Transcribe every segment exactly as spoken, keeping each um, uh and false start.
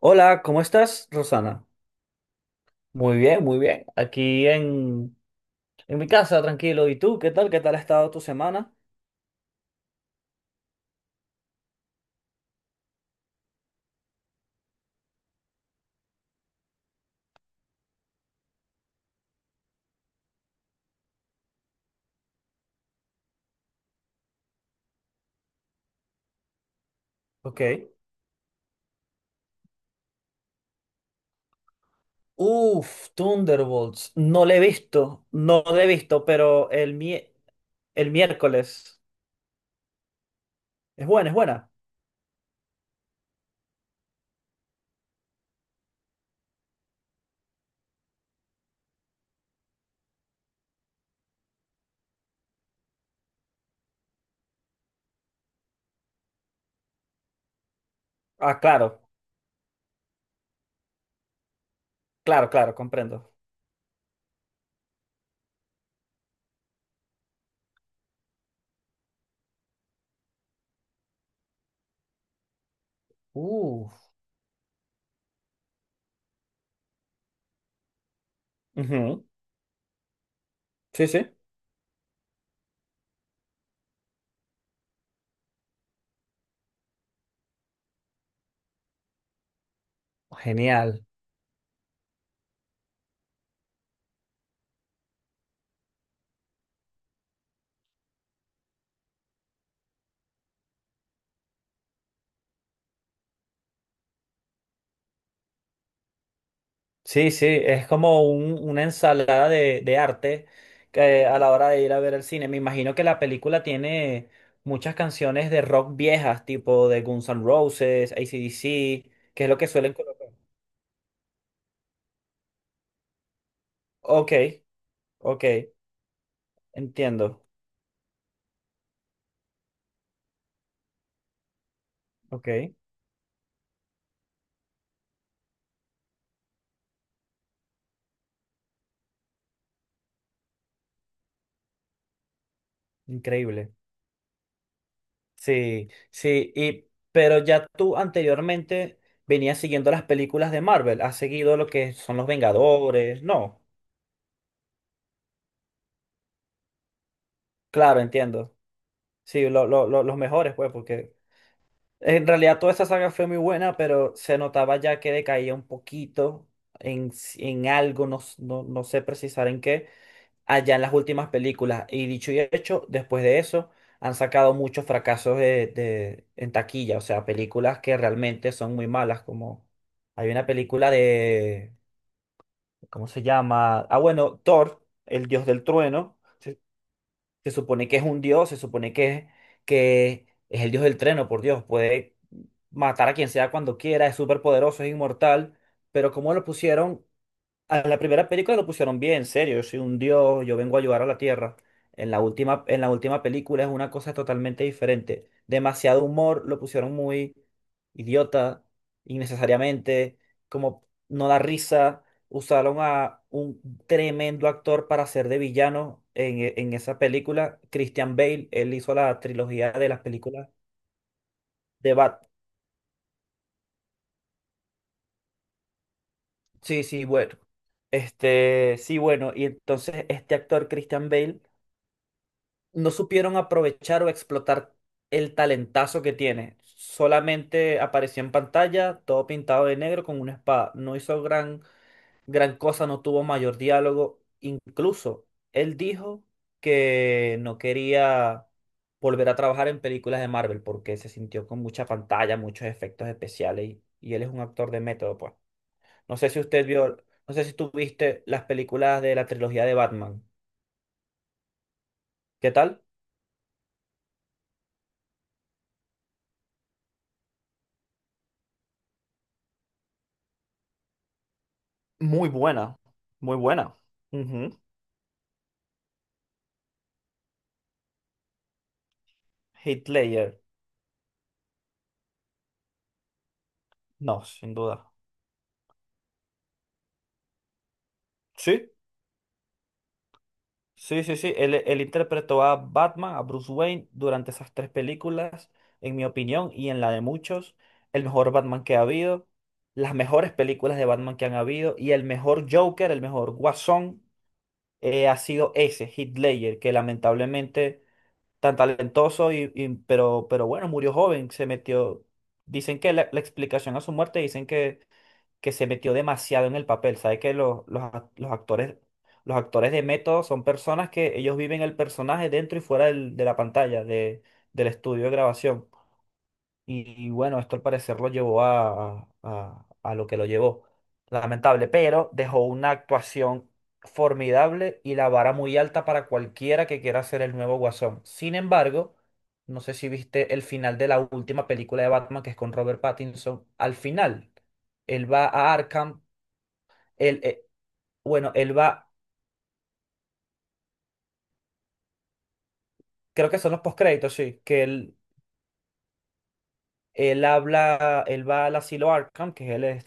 Hola, ¿cómo estás, Rosana? Muy bien, muy bien. Aquí en, en mi casa, tranquilo. ¿Y tú? ¿Qué tal? ¿Qué tal ha estado tu semana? Ok. Uf, Thunderbolts. No le he visto, no le he visto, pero el, mi- el miércoles. Es buena, es buena. Ah, claro, claro, claro, comprendo. Uf. Ujú. Sí, sí. Genial. Sí, sí, es como un- una ensalada de, de arte que a la hora de ir a ver el cine. Me imagino que la película tiene muchas canciones de rock viejas, tipo de Guns N' Roses, A C/D C, que es lo que suelen colocar. Ok, ok, entiendo. Ok, increíble. Sí, sí, y, pero ya tú anteriormente venías siguiendo las películas de Marvel, has seguido lo que son los Vengadores, no, claro, entiendo. Sí, lo- lo- lo- los mejores, pues, porque... En realidad toda esa saga fue muy buena, pero se notaba ya que decaía un poquito en, s- en algo, no, s- no, no sé precisar en qué, allá en las últimas películas. Y dicho y hecho, después de eso han sacado muchos fracasos de, de- en taquilla, o sea, películas que realmente son muy malas, como hay una película de, ¿cómo se llama? Ah, bueno, Thor, el dios del trueno. Sí, se supone que es un dios, se supone que, que es el dios del treno, por Dios. Puede matar a quien sea cuando quiera, es súper poderoso, es inmortal. Pero como lo pusieron a la primera película lo pusieron bien, en serio, yo soy un dios, yo vengo a ayudar a la Tierra. En la última, en la última película es una cosa totalmente diferente. Demasiado humor, lo pusieron muy idiota, innecesariamente, como no da risa. Usaron a un tremendo actor para ser de villano en, e- en esa película, Christian Bale, él hizo la trilogía de las películas de Bat. Sí, sí, bueno. Este, sí, bueno, y entonces este actor, Christian Bale, no supieron aprovechar o explotar el talentazo que tiene. Solamente apareció en pantalla, todo pintado de negro con una espada. No hizo gran, gran cosa, no tuvo mayor diálogo. Incluso él dijo que no quería volver a trabajar en películas de Marvel porque se sintió con mucha pantalla, muchos efectos especiales y, y él es un actor de método, pues. No sé si usted vio, no sé si tú viste las películas de la trilogía de Batman. ¿Qué tal? Muy buena, muy buena. Ujú. Hitler, no, sin duda. Sí, sí, sí, sí. Él, Él interpretó a Batman, a Bruce Wayne, durante esas tres películas, en mi opinión y en la de muchos, el mejor Batman que ha habido, las mejores películas de Batman que han habido y el mejor Joker, el mejor Guasón, eh, ha sido ese, Heath Ledger, que lamentablemente tan talentoso y, y- pero, pero bueno, murió joven, se metió. Dicen que la la explicación a su muerte, dicen que que se metió demasiado en el papel. Sabe que los, los, ac- los actores, los actores de método son personas que ellos viven el personaje dentro y fuera del- de la pantalla, de, del estudio de grabación. Y, y bueno, esto al parecer lo llevó a, a- a lo que lo llevó. Lamentable, pero dejó una actuación formidable y la vara muy alta para cualquiera que quiera ser el nuevo Guasón. Sin embargo, no sé si viste el final de la última película de Batman, que es con Robert Pattinson. Al final, él va a Arkham, él, eh, bueno, él va, creo que son los postcréditos, sí, que él, él habla, él va al asilo Arkham, que es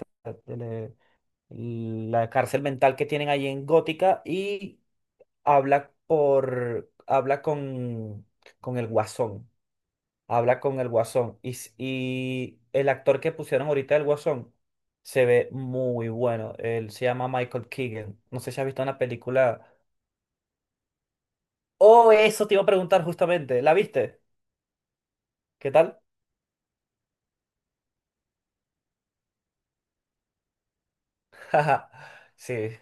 el, la cárcel mental que tienen allí en Gótica y habla por, habla con, con el Guasón, habla con el Guasón y, s- y el actor que pusieron ahorita el Guasón se ve muy bueno, él se llama Michael Keegan, no sé si has visto una película, oh, eso te iba a preguntar justamente, ¿la viste? ¿Qué tal? Jaja, sí,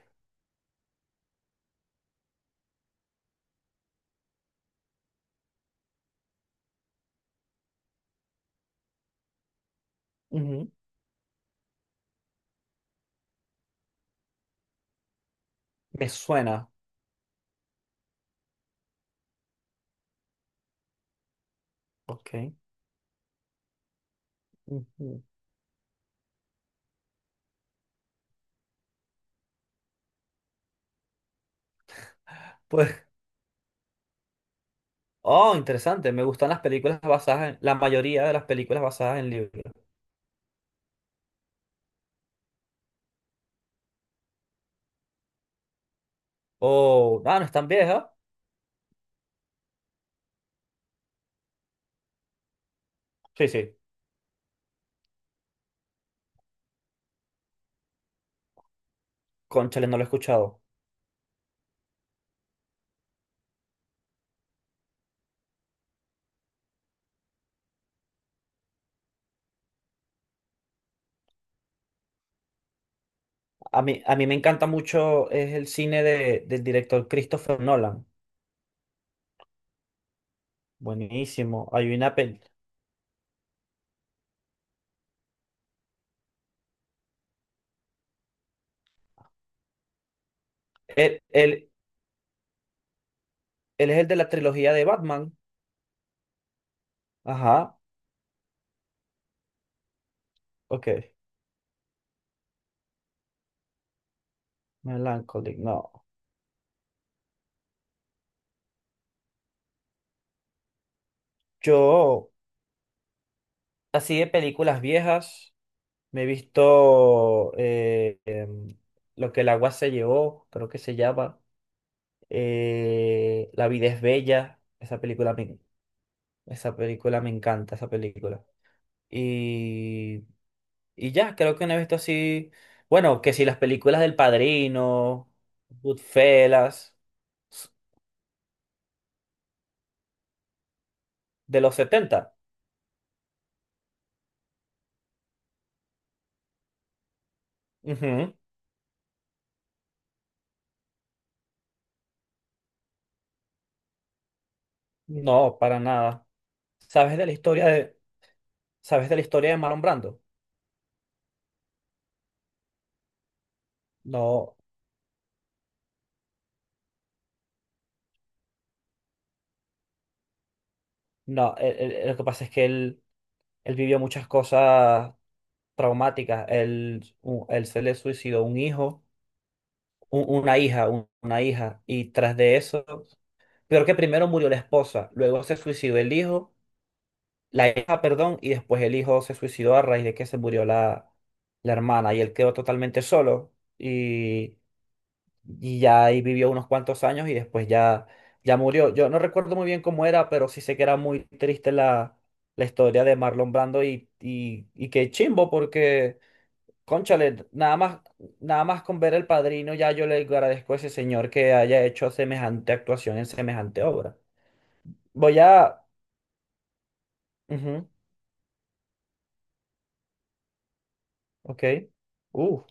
ujú. Me suena, ok. Ujú. Pues oh, interesante. Me gustan las películas basadas en, la mayoría de las películas basadas en libros. Oh, ah, no es tan vieja. Sí, sí. Cónchale, no lo he escuchado. A mí, a mí me encanta mucho es el cine de, del director Christopher Nolan. Buenísimo. Hay una pel... Él, él, él es el de la trilogía de Batman. Ajá. Ok. Melancholic, no. Yo, así de películas viejas, me he visto eh, em, lo que el agua se llevó, creo que se llama. Eh, la vida es bella. Esa película me, esa película me encanta, esa película. Y, y ya, creo que no he visto así. Bueno, que si las películas del Padrino, Goodfellas, s- de los setenta. Ujú. No, para nada. ¿Sabes de la historia de, sabes de la historia de Marlon Brando? No, no. él- él- él- lo que pasa es que él, él vivió muchas cosas traumáticas. Él, u- él se le suicidó un hijo u- una hija, un- una hija, y tras de eso, peor que primero murió la esposa, luego se suicidó el hijo, la hija, perdón, y después el hijo se suicidó a raíz de que se murió la, la hermana y él quedó totalmente solo y, y ya ahí vivió unos cuantos años y después ya, ya murió. Yo no recuerdo muy bien cómo era, pero sí sé que era muy triste la, la historia de Marlon Brando y, y, y qué chimbo porque... Cónchale, nada más, nada más con ver El Padrino, ya yo le agradezco a ese señor que haya hecho semejante actuación en semejante obra. Voy a... ujú, ok. Uf,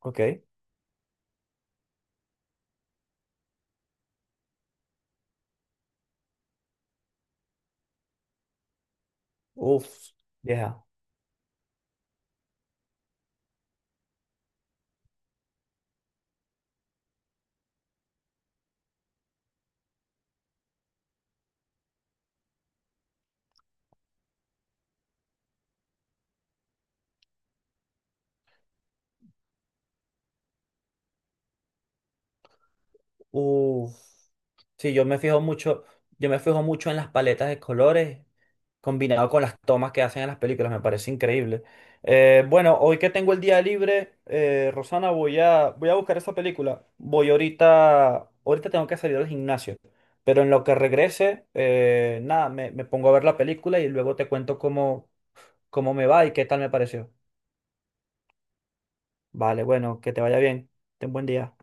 ok. Uf, vieja. Uf. Sí, yo me fijo mucho, yo me fijo mucho en las paletas de colores combinado con las tomas que hacen en las películas, me parece increíble. Eh, bueno, hoy que tengo el día libre, eh, Rosana, voy a, voy a buscar esa película. Voy ahorita, ahorita tengo que salir al gimnasio, pero en lo que regrese, eh, nada, me, me pongo a ver la película y luego te cuento cómo, cómo me va y qué tal me pareció. Vale, bueno, que te vaya bien. Ten buen día.